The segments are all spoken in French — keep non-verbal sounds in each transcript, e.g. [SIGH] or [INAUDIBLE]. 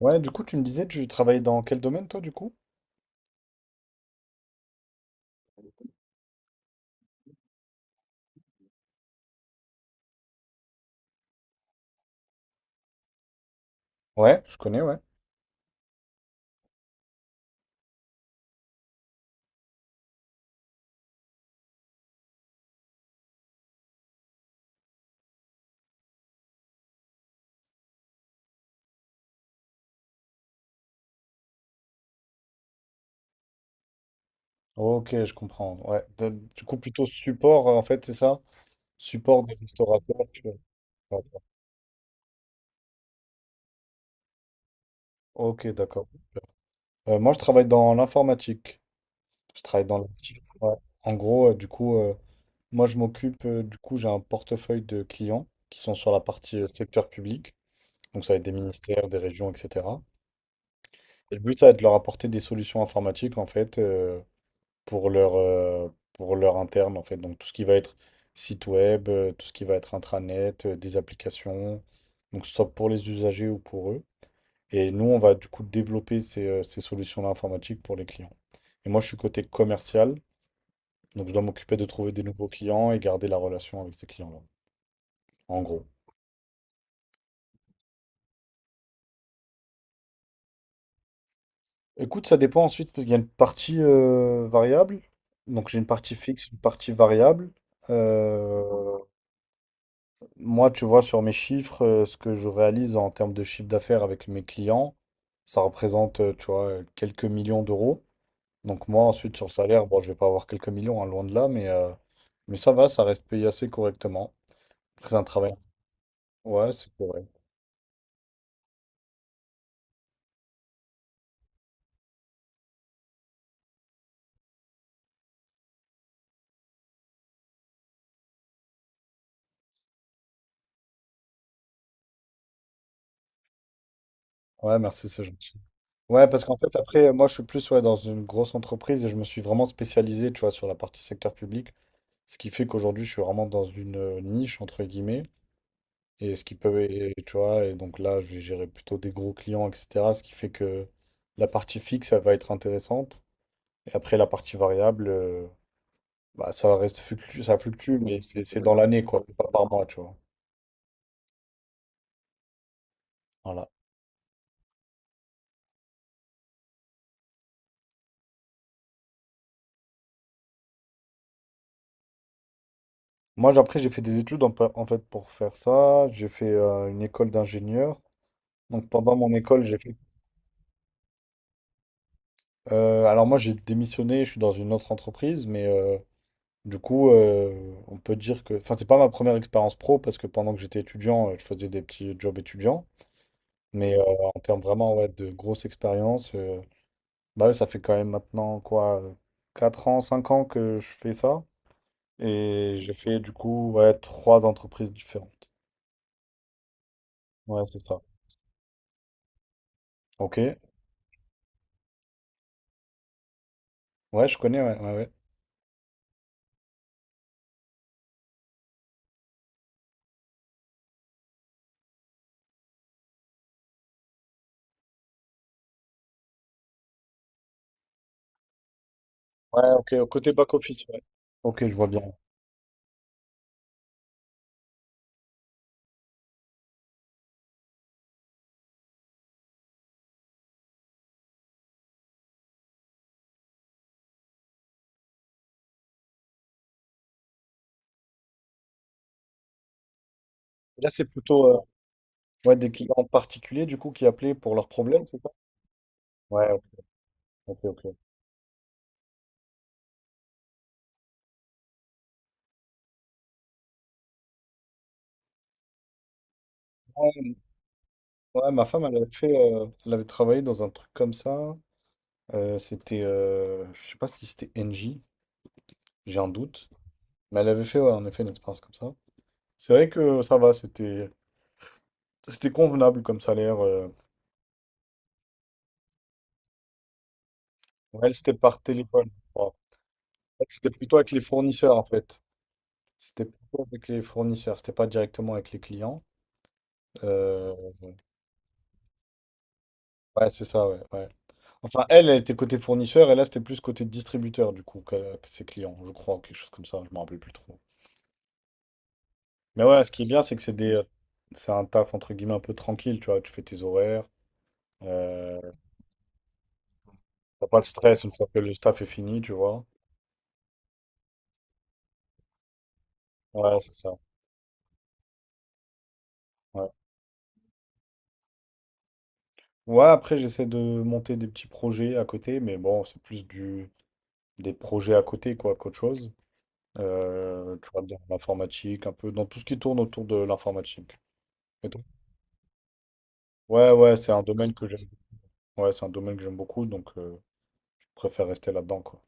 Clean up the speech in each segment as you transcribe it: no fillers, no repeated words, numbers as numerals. Ouais, du coup, tu me disais, tu travailles dans quel domaine, toi, du coup? Ouais, je connais, ouais. Ok, je comprends. Ouais, du coup, plutôt support, en fait, c'est ça? Support des restaurateurs, tu vois. D'accord. Ok, d'accord. Moi, je travaille dans l'informatique. Je travaille dans l'informatique. Ouais. En gros, du coup, moi, je m'occupe, du coup, j'ai un portefeuille de clients qui sont sur la partie secteur public. Donc, ça va être des ministères, des régions, etc. Et le but, ça va être de leur apporter des solutions informatiques, en fait, pour leur, euh, pour leur interne, en fait. Donc, tout ce qui va être site web, tout ce qui va être intranet, des applications, donc, que ce soit pour les usagers ou pour eux. Et nous, on va du coup développer ces solutions-là informatiques pour les clients. Et moi, je suis côté commercial, donc je dois m'occuper de trouver des nouveaux clients et garder la relation avec ces clients-là, en gros. Écoute, ça dépend ensuite, parce qu'il y a une partie variable. Donc j'ai une partie fixe, une partie variable. Euh, Moi, tu vois, sur mes chiffres, ce que je réalise en termes de chiffre d'affaires avec mes clients, ça représente, tu vois, quelques millions d'euros. Donc moi, ensuite, sur le salaire, bon, je vais pas avoir quelques millions, hein, loin de là, mais ça va, ça reste payé assez correctement. Après, c'est un travail. Ouais, c'est correct. Ouais, merci, c'est gentil. Ouais, parce qu'en fait, après, moi, je suis plus ouais, dans une grosse entreprise et je me suis vraiment spécialisé, tu vois, sur la partie secteur public, ce qui fait qu'aujourd'hui, je suis vraiment dans une niche, entre guillemets. Et ce qui peut, et tu vois, et donc là, je vais gérer plutôt des gros clients, etc. Ce qui fait que la partie fixe, elle va être intéressante. Et après, la partie variable, bah, ça reste fluctue, ça fluctue, mais c'est dans l'année, quoi. C'est pas par mois, tu vois. Voilà. Moi, après, j'ai fait des études en, en fait pour faire ça. J'ai fait une école d'ingénieur. Donc pendant mon école, j'ai fait. Alors moi, j'ai démissionné, je suis dans une autre entreprise, mais du coup, on peut dire que, enfin, c'est pas ma première expérience pro parce que pendant que j'étais étudiant, je faisais des petits jobs étudiants. Mais en termes vraiment ouais, de grosse expérience, bah, ouais, ça fait quand même maintenant quoi, 4 ans, 5 ans que je fais ça. Et j'ai fait du coup ouais, trois entreprises différentes. Ouais, c'est ça. Ok. Ouais, je connais, ouais, ouais, ouais. Ouais, ok, au côté back-office, ouais. Ok, je vois bien. Là, c'est plutôt ouais, des clients particuliers du coup qui appelaient pour leurs problèmes, c'est ça? Ouais, ok, ok. Ouais, ma femme, elle avait fait, elle avait travaillé dans un truc comme ça. C'était, je sais pas si c'était NJ, j'ai un doute. Mais elle avait fait, ouais, en effet, une expérience comme ça. C'est vrai que ça va, c'était, c'était convenable comme salaire, Ouais, elle, c'était par téléphone, je crois. En C'était plutôt avec les fournisseurs, en fait. C'était plutôt avec les fournisseurs, c'était pas directement avec les clients. Euh, ouais, c'est ça, ouais, ouais. Enfin, elle, elle était côté fournisseur, et là, c'était plus côté distributeur, du coup, que ses clients, je crois, ou quelque chose comme ça, je me rappelle plus trop. Mais ouais, ce qui est bien, c'est que c'est des, c'est un taf entre guillemets un peu tranquille, tu vois. Tu fais tes horaires, euh, t'as pas de stress une fois que le taf est fini, tu vois. Ouais, c'est ça. Ouais. Ouais, après, j'essaie de monter des petits projets à côté, mais bon, c'est plus du, des projets à côté, quoi, qu'autre chose. Tu vois, dans l'informatique, un peu, dans tout ce qui tourne autour de l'informatique. Et toi ouais, ouais, c'est un domaine que j'aime. Ouais, c'est un domaine que j'aime beaucoup, donc je préfère rester là-dedans, quoi.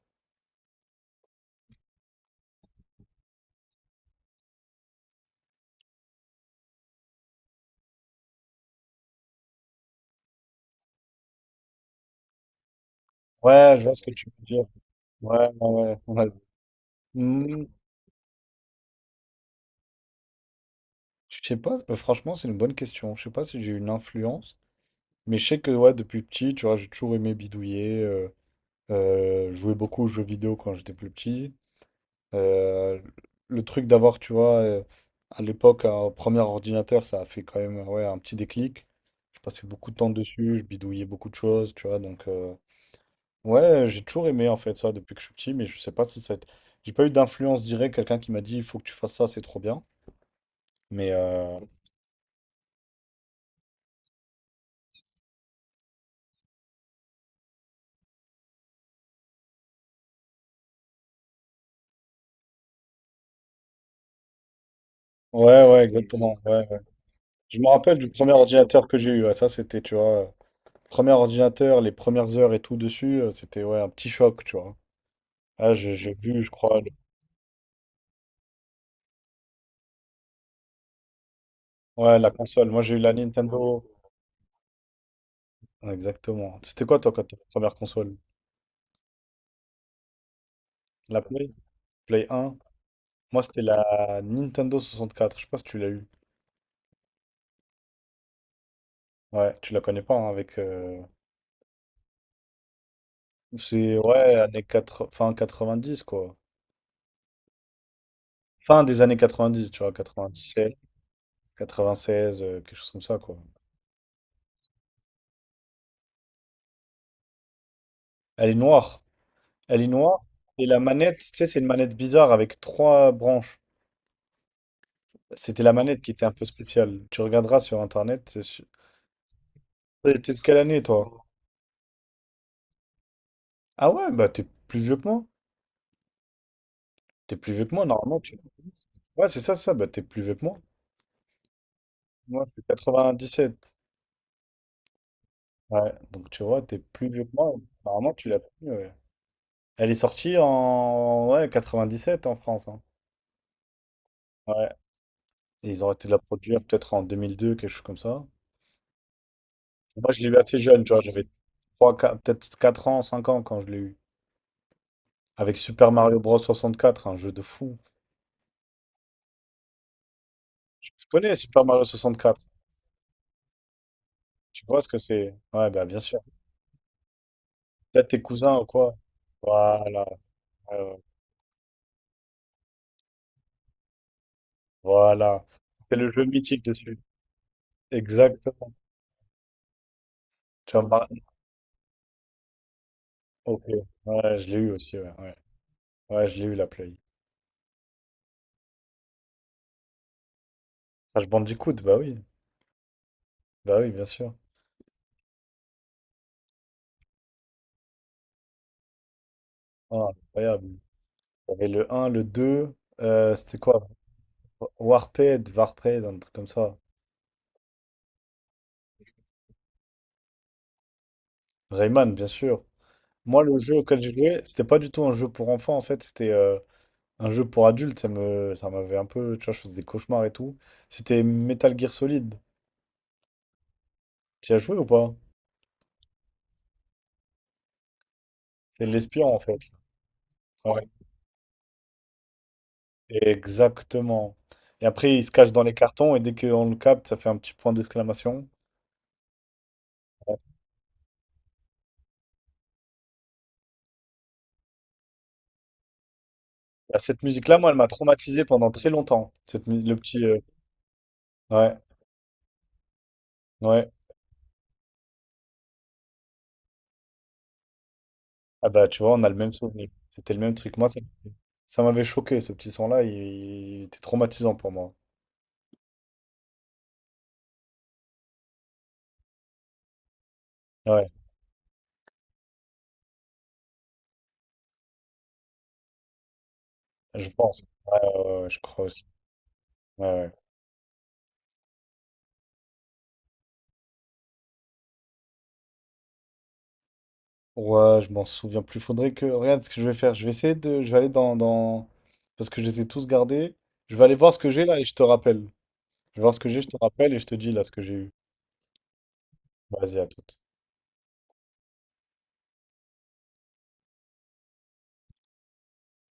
Ouais, je vois ce que tu veux dire. Ouais, ouais, ouais, ouais. Je sais pas, franchement, c'est une bonne question. Je sais pas si j'ai eu une influence, mais je sais que ouais, depuis petit, tu vois, j'ai toujours aimé bidouiller, jouer beaucoup aux jeux vidéo quand j'étais plus petit. Euh, le truc d'avoir, tu vois, à l'époque, un premier ordinateur, ça a fait quand même ouais, un petit déclic. Je passais beaucoup de temps dessus, je bidouillais beaucoup de choses, tu vois, donc ouais, j'ai toujours aimé en fait ça depuis que je suis petit, mais je sais pas si j'ai pas eu d'influence directe, quelqu'un qui m'a dit, il faut que tu fasses ça, c'est trop bien. Mais ouais, ouais, exactement, ouais. Je me rappelle du premier ordinateur que j'ai eu, ouais, ça, c'était, tu vois, premier ordinateur, les premières heures et tout dessus, c'était ouais, un petit choc, tu vois. Ah, j'ai vu, je crois, le- Ouais, la console. Moi, j'ai eu la Nintendo. Ouais, exactement. C'était quoi, toi, quand ta première console? La Play? Play 1? Moi, c'était la Nintendo 64. Je sais pas si tu l'as eu. Ouais, tu la connais pas, hein, avec, c'est, ouais, années quatre fin 90, quoi. Fin des années 90, tu vois, 97, 96, quelque chose comme ça, quoi. Elle est noire. Elle est noire. Et la manette, tu sais, c'est une manette bizarre avec trois branches. C'était la manette qui était un peu spéciale. Tu regarderas sur Internet, c'est sûr. T'es de quelle année, toi? Ah ouais, bah t'es plus vieux que moi. T'es plus vieux que moi, normalement. Tu... [LAUGHS] Ouais, c'est ça, ça. Bah t'es plus vieux que moi. Moi, je suis sept Ouais, donc tu vois, t'es plus vieux que moi. Normalement, tu l'as plus, ouais. Elle est sortie en ouais, sept en France, hein. Ouais. Et ils ont arrêté de la produire peut-être en 2002, quelque chose comme ça. Moi, je l'ai eu assez jeune, tu vois. J'avais 3 4 peut-être 4 ans, 5 ans quand je l'ai eu. Avec Super Mario Bros. 64, un jeu de fou. Tu connais Super Mario 64? Tu vois ce que c'est? Ouais, bah bien sûr. Peut-être tes cousins ou quoi? Voilà. Ouais, ouais. Voilà. C'est le jeu mythique dessus. Exactement. Tu vois, Mar- ok. Ouais, je l'ai eu aussi, ouais. Ouais, ouais, je l'ai eu, la Play. Crash Bandicoot, bah oui. Bah oui, bien sûr. Ah, incroyable. Il y avait le un le 2 c'était quoi? Warped, Warped, un truc comme ça. Rayman, bien sûr. Moi, le jeu auquel j'ai joué, c'était pas du tout un jeu pour enfants, en fait, c'était un jeu pour adultes, ça m'avait un peu, tu vois, je faisais des cauchemars et tout. C'était Metal Gear Solid. Tu y as joué ou pas? C'est l'espion, en fait. Ouais. Exactement. Et après, il se cache dans les cartons et dès qu'on le capte, ça fait un petit point d'exclamation. Ouais. Bah, cette musique-là, moi, elle m'a traumatisé pendant très longtemps. Cette le petit, ouais, ouais. Ah bah tu vois, on a le même souvenir. C'était le même truc. Moi, ça m'avait choqué, ce petit son-là, il était traumatisant pour moi. Ouais, je pense. Ouais, ouais, ouais, ouais, je crois aussi. Ouais, ouais. Ouais, je m'en souviens plus. Faudrait que... Regarde ce que je vais faire. Je vais essayer de... Je vais aller dans, dans... Parce que je les ai tous gardés. Je vais aller voir ce que j'ai là et je te rappelle. Je vais voir ce que j'ai, je te rappelle et je te dis là ce que j'ai eu. Vas-y, à tout.